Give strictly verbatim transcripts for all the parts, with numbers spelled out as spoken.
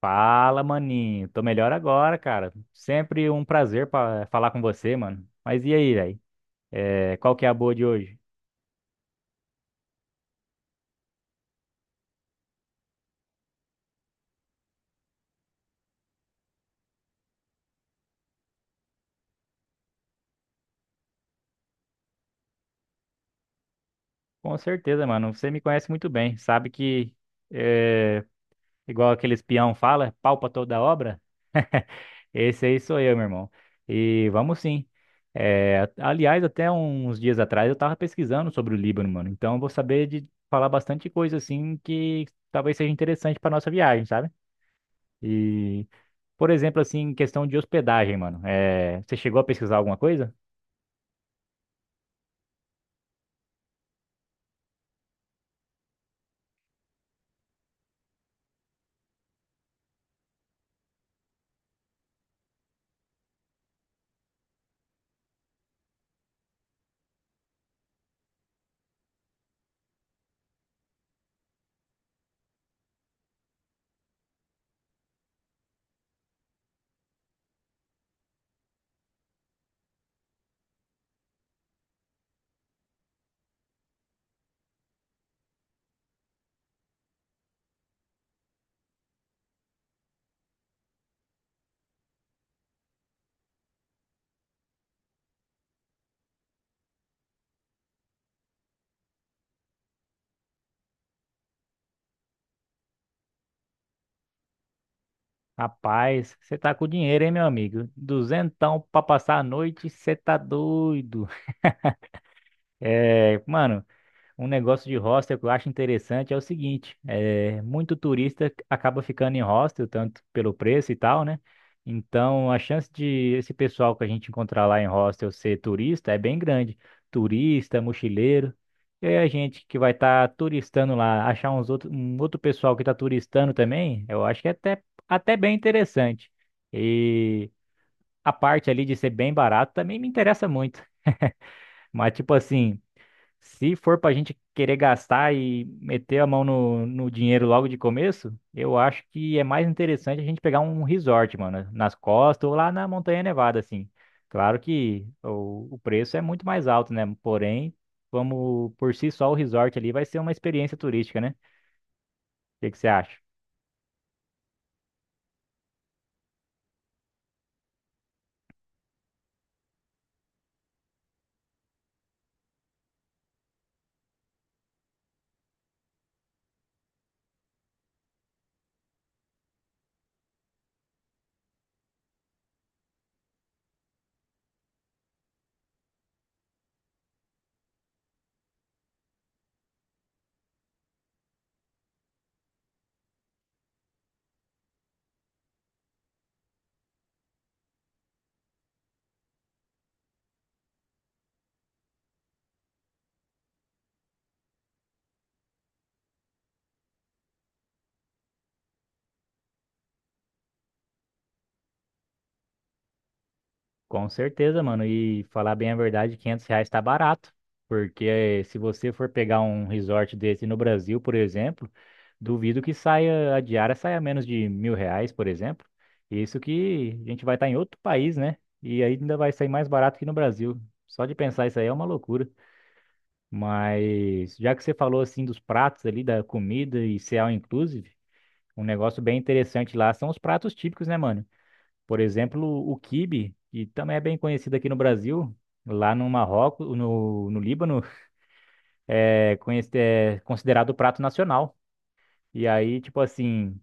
Fala, maninho. Tô melhor agora, cara. Sempre um prazer pa falar com você, mano. Mas e aí, velho? É, qual que é a boa de hoje? Com certeza, mano. Você me conhece muito bem. Sabe que, é, igual aquele espião fala, palpa toda a obra? Esse aí sou eu, meu irmão. E vamos sim. É, aliás, até uns dias atrás eu tava pesquisando sobre o Líbano, mano. Então eu vou saber de falar bastante coisa, assim, que talvez seja interessante pra nossa viagem, sabe? E, por exemplo, assim, em questão de hospedagem, mano. É, você chegou a pesquisar alguma coisa? Rapaz, você tá com dinheiro, hein, meu amigo? Duzentão pra passar a noite, você tá doido. É, mano, um negócio de hostel que eu acho interessante é o seguinte, é, muito turista acaba ficando em hostel, tanto pelo preço e tal, né? Então, a chance de esse pessoal que a gente encontrar lá em hostel ser turista é bem grande. Turista, mochileiro. E aí a gente que vai estar turistando lá, achar uns outro, um outro pessoal que está turistando também, eu acho que é até, até bem interessante. E a parte ali de ser bem barato também me interessa muito. Mas, tipo assim, se for pra gente querer gastar e meter a mão no, no dinheiro logo de começo, eu acho que é mais interessante a gente pegar um resort, mano, nas costas ou lá na Montanha Nevada, assim. Claro que o, o preço é muito mais alto, né? Porém, vamos por si só o resort ali vai ser uma experiência turística, né? O que que você acha? Com certeza, mano. E falar bem a verdade, quinhentos reais tá barato. Porque se você for pegar um resort desse no Brasil, por exemplo, duvido que saia, a diária saia menos de mil reais, por exemplo. Isso que a gente vai estar em outro país, né? E aí ainda vai sair mais barato que no Brasil. Só de pensar isso aí é uma loucura. Mas já que você falou assim dos pratos ali, da comida e ser all inclusive, um negócio bem interessante lá são os pratos típicos, né, mano? Por exemplo, o quibe, que também é bem conhecido aqui no Brasil, lá no Marrocos, no, no Líbano, é, conhece, é considerado o prato nacional. E aí, tipo assim,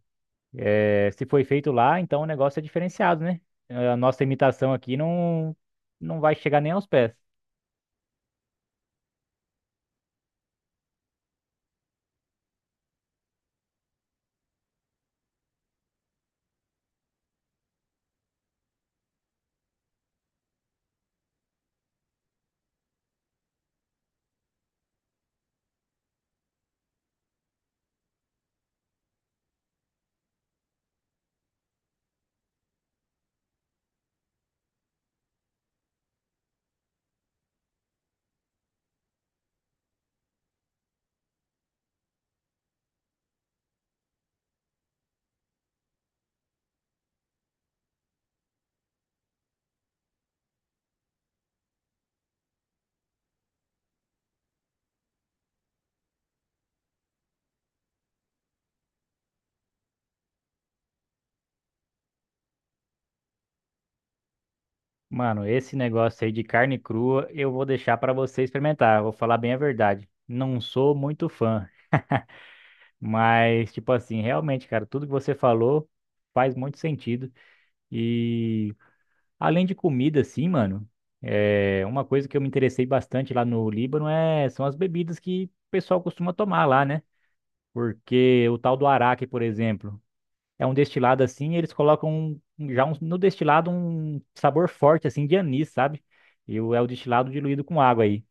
é, se foi feito lá, então o negócio é diferenciado, né? A nossa imitação aqui não, não vai chegar nem aos pés. Mano, esse negócio aí de carne crua eu vou deixar pra você experimentar. Vou falar bem a verdade. Não sou muito fã, mas, tipo assim, realmente, cara, tudo que você falou faz muito sentido. E, além de comida, assim, mano, é uma coisa que eu me interessei bastante lá no Líbano é são as bebidas que o pessoal costuma tomar lá, né? Porque o tal do araque, por exemplo, é um destilado assim, e eles colocam um- um- já um- no destilado um sabor forte assim de anis, sabe? E o- é o destilado diluído com água aí.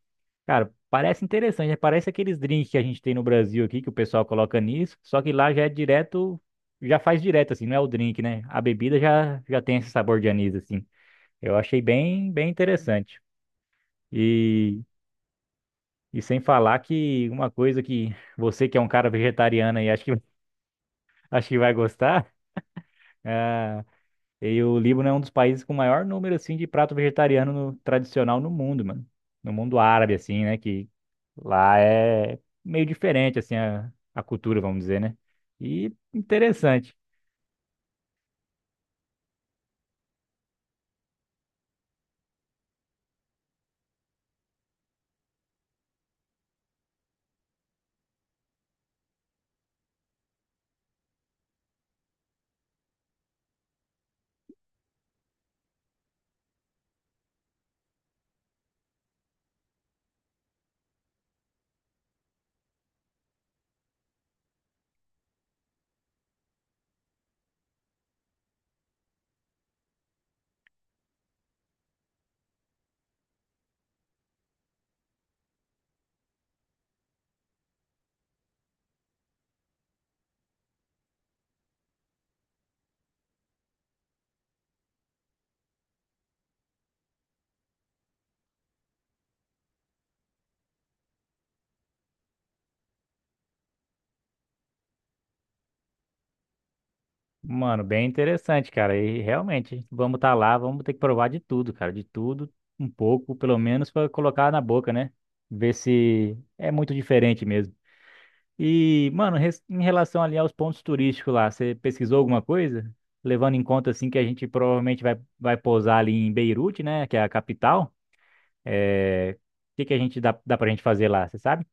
Cara, parece interessante, né? Parece aqueles drinks que a gente tem no Brasil aqui que o pessoal coloca anis, só que lá já é direto, já faz direto assim, não é o drink, né? A bebida já já tem esse sabor de anis assim. Eu achei bem, bem interessante. E, e sem falar que uma coisa que você que é um cara vegetariano e acho que, acho que vai gostar, é, e o Líbano é um dos países com maior número assim de prato vegetariano no- tradicional no mundo, mano. No mundo árabe assim, né, que lá é meio diferente assim a, a cultura, vamos dizer, né? E interessante. Mano, bem interessante, cara. E realmente, vamos estar lá, vamos ter que provar de tudo, cara. De tudo, um pouco, pelo menos, para colocar na boca, né? Ver se é muito diferente mesmo. E, mano, res- em relação ali aos pontos turísticos lá, você pesquisou alguma coisa? Levando em conta, assim, que a gente provavelmente vai, vai pousar ali em Beirute, né? Que é a capital. É... O que que a gente dá, dá pra gente fazer lá, você sabe?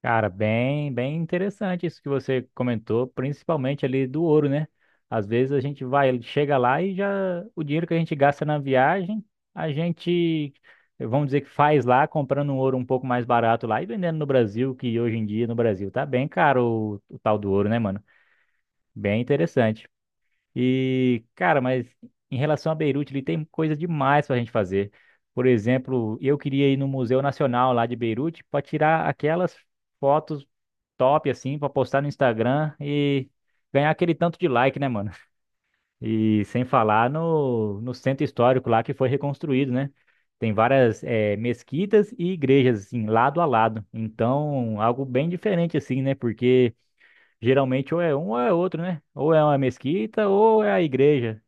Cara, bem, bem interessante isso que você comentou, principalmente ali do ouro, né? Às vezes a gente vai, chega lá e já o dinheiro que a gente gasta na viagem, a gente, vamos dizer que faz lá, comprando um ouro um pouco mais barato lá e vendendo no Brasil, que hoje em dia no Brasil tá bem caro o, o tal do ouro, né, mano? Bem interessante. E, cara, mas em relação a Beirute, ele tem coisa demais pra gente fazer. Por exemplo, eu queria ir no Museu Nacional lá de Beirute para tirar aquelas fotos top assim pra postar no Instagram e ganhar aquele tanto de like, né, mano? E sem falar no, no centro histórico lá que foi reconstruído, né? Tem várias eh, mesquitas e igrejas assim, lado a lado. Então, algo bem diferente assim, né? Porque geralmente ou é um ou é outro, né? Ou é uma mesquita ou é a igreja.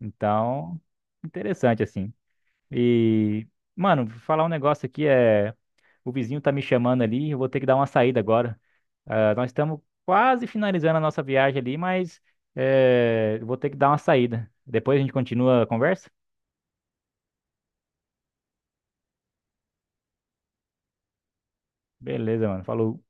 Então, interessante assim. E, mano, vou falar um negócio aqui é o vizinho tá me chamando ali, eu vou ter que dar uma saída agora. Ah, nós estamos quase finalizando a nossa viagem ali, mas eh, eu vou ter que dar uma saída. Depois a gente continua a conversa? Beleza, mano. Falou.